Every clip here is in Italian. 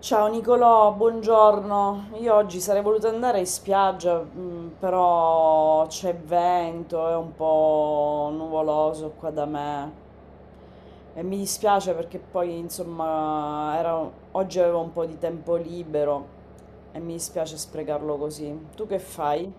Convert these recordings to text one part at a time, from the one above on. Ciao Nicolò, buongiorno. Io oggi sarei voluta andare in spiaggia, però c'è vento, è un po' nuvoloso qua da me e mi dispiace perché poi insomma oggi avevo un po' di tempo libero e mi dispiace sprecarlo così. Tu che fai?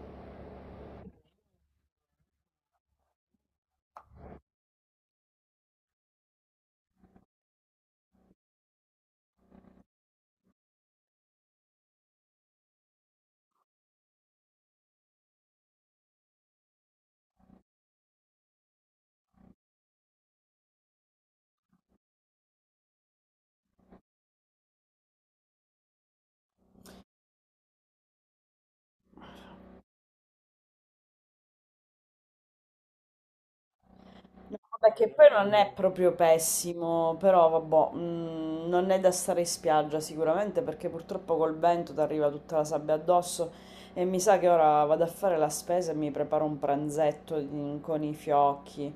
No, vabbè, che poi non è proprio pessimo, però vabbè, non è da stare in spiaggia sicuramente perché purtroppo col vento ti arriva tutta la sabbia addosso e mi sa che ora vado a fare la spesa e mi preparo un pranzetto con i fiocchi.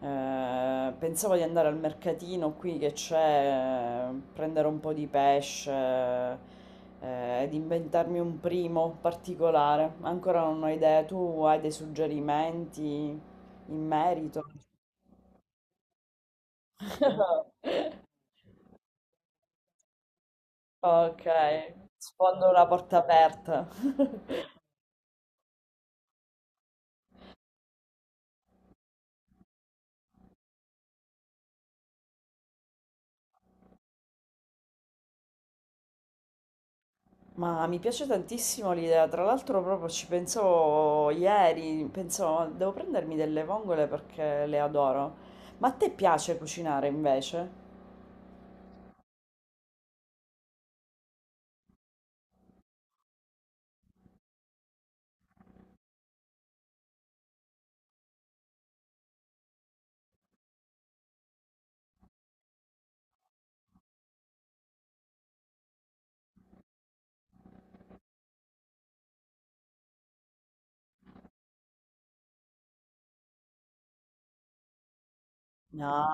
Pensavo di andare al mercatino qui che c'è, prendere un po' di pesce, ed inventarmi un primo particolare. Ancora non ho idea, tu hai dei suggerimenti in merito? Ok, sfondo una porta aperta. Ma mi piace tantissimo l'idea, tra l'altro proprio ci pensavo ieri, pensavo devo prendermi delle vongole perché le adoro. Ma a te piace cucinare invece? No.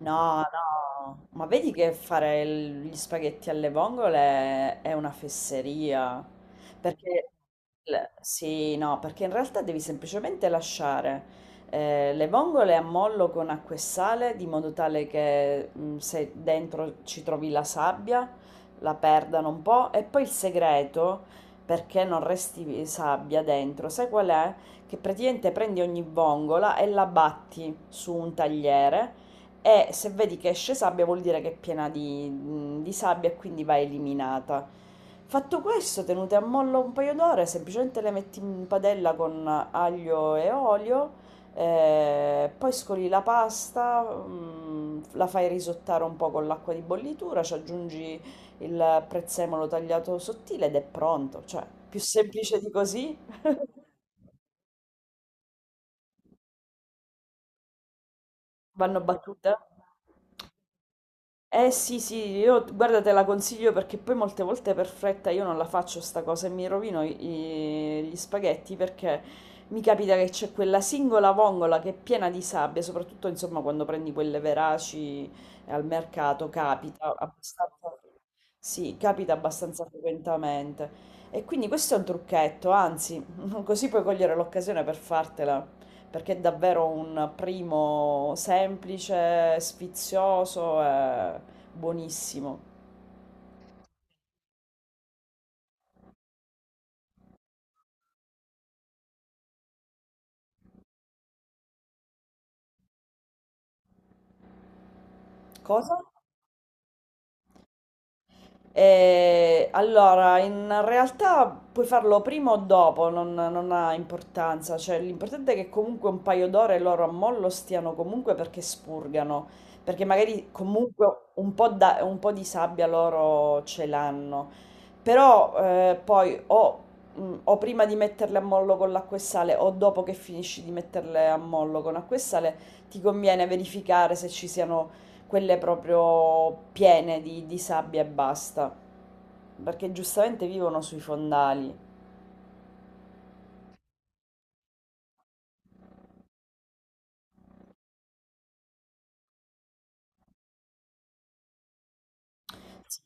No, no, ma vedi che fare gli spaghetti alle vongole è una fesseria, perché sì, no, perché in realtà devi semplicemente lasciare le vongole a mollo con acqua e sale, di modo tale che, se dentro ci trovi la sabbia, la perdano un po', e poi il segreto, perché non resti sabbia dentro, sai qual è? Che praticamente prendi ogni vongola e la batti su un tagliere e se vedi che esce sabbia vuol dire che è piena di sabbia e quindi va eliminata. Fatto questo, tenute a mollo un paio d'ore, semplicemente le metti in padella con aglio e olio, poi scoli la pasta, la fai risottare un po' con l'acqua di bollitura, ci aggiungi il prezzemolo tagliato sottile ed è pronto. Cioè, più semplice di così. Vanno battute. Eh sì, sì, io guarda te la consiglio perché poi molte volte per fretta io non la faccio sta cosa e mi rovino gli spaghetti perché mi capita che c'è quella singola vongola che è piena di sabbia, soprattutto insomma quando prendi quelle veraci al mercato capita abbastanza, sì, capita abbastanza frequentemente. E quindi questo è un trucchetto, anzi, così puoi cogliere l'occasione per fartela, perché è davvero un primo semplice, sfizioso e buonissimo. Cosa? Allora, in realtà puoi farlo prima o dopo, non ha importanza, cioè l'importante è che comunque un paio d'ore loro a mollo stiano comunque perché spurgano, perché magari comunque un po', un po' di sabbia loro ce l'hanno, però poi o, o prima di metterle a mollo con l'acqua e sale o dopo che finisci di metterle a mollo con acqua e sale ti conviene verificare se ci siano quelle proprio piene di sabbia e basta, perché giustamente vivono sui fondali.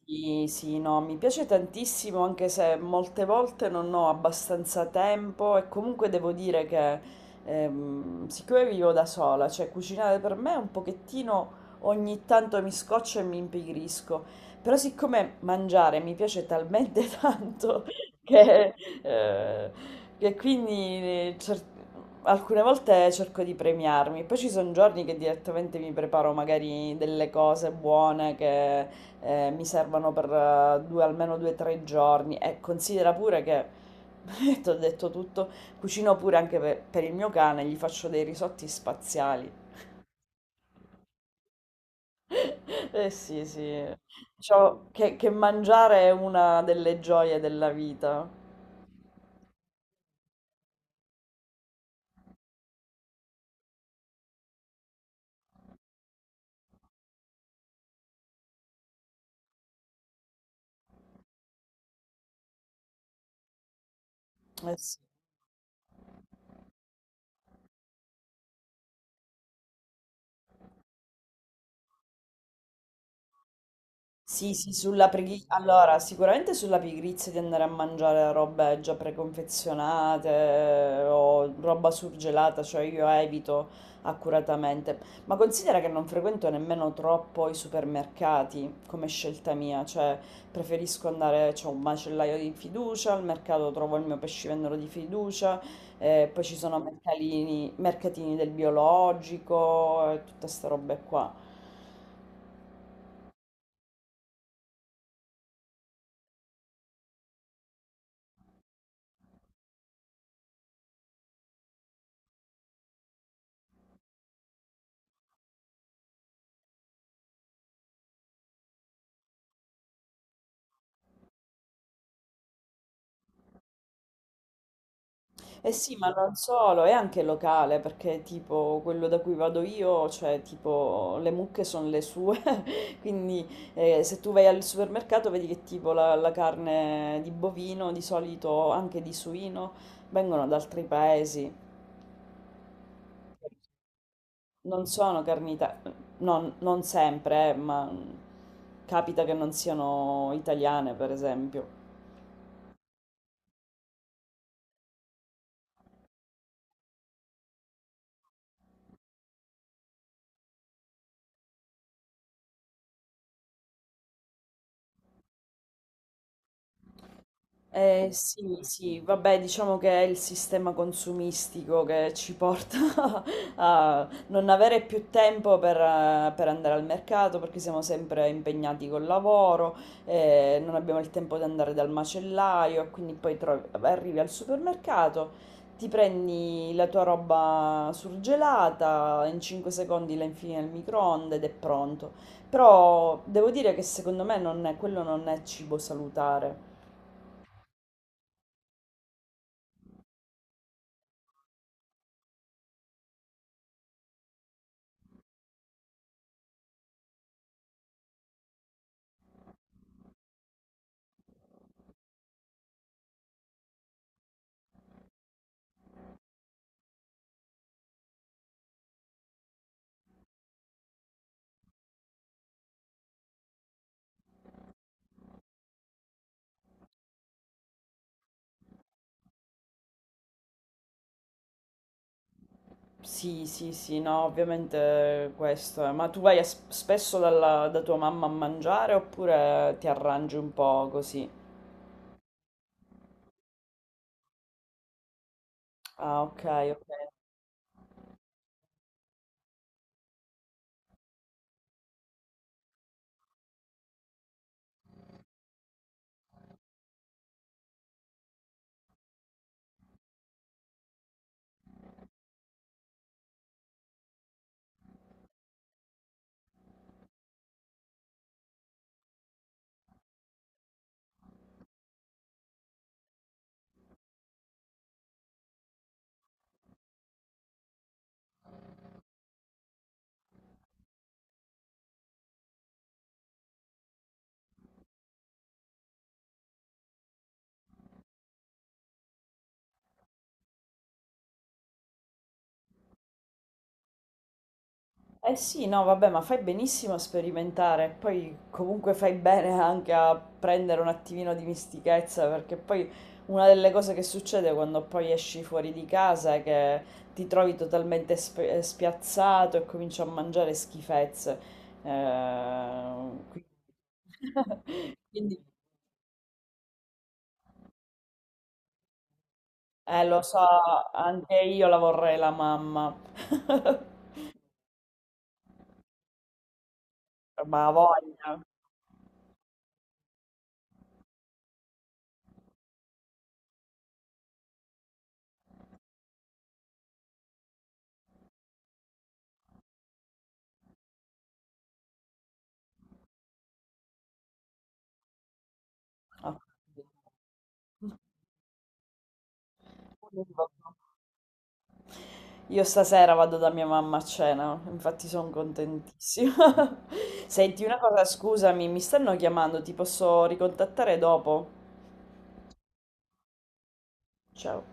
Sì, sì, no, mi piace tantissimo anche se molte volte non ho abbastanza tempo e comunque devo dire che siccome vivo da sola, cioè cucinare per me è un pochettino ogni tanto mi scoccio e mi impigrisco, però siccome mangiare mi piace talmente tanto che, eh, che quindi alcune volte cerco di premiarmi, poi ci sono giorni che direttamente mi preparo magari delle cose buone che mi servono per 2, almeno 2 o 3 giorni e considera pure che, ti ho detto tutto, cucino pure anche per il mio cane, gli faccio dei risotti spaziali. Eh sì, sì, diciamo che mangiare è una delle gioie della vita. Eh sì. Sì, sì, sulla allora, sicuramente sulla pigrizia di andare a mangiare robe già preconfezionate o roba surgelata, cioè io evito accuratamente. Ma considera che non frequento nemmeno troppo i supermercati come scelta mia, cioè preferisco andare, c'è un macellaio di fiducia, al mercato trovo il mio pescivendolo di fiducia, poi ci sono mercatini del biologico e tutte queste robe qua. Eh sì, ma non solo, è anche locale, perché tipo quello da cui vado io, cioè tipo le mucche sono le sue, quindi se tu vai al supermercato vedi che tipo la carne di bovino, di solito anche di suino, vengono da altri paesi, non sono carni non sempre, ma capita che non siano italiane, per esempio. Sì, sì, vabbè, diciamo che è il sistema consumistico che ci porta a non avere più tempo per andare al mercato perché siamo sempre impegnati col lavoro, non abbiamo il tempo di andare dal macellaio, e quindi poi arrivi al supermercato, ti prendi la tua roba surgelata, in 5 secondi la infili nel microonde ed è pronto. Però devo dire che secondo me non è- quello non è cibo salutare. Sì, sì, sì, no, ovviamente questo è. Ma tu vai a spesso da tua mamma a mangiare oppure ti arrangi un po' così? Ah, ok, ok. Eh sì, no, vabbè, ma fai benissimo a sperimentare, poi comunque fai bene anche a prendere un attimino di mistichezza, perché poi una delle cose che succede quando poi esci fuori di casa è che ti trovi totalmente spiazzato e cominci a mangiare schifezze. Quindi, quindi, lo so, anche io la vorrei la mamma, ma ha voglia. Ah. Io stasera vado da mia mamma a cena, infatti sono contentissima. Senti una cosa, scusami, mi stanno chiamando, ti posso ricontattare dopo? Ciao.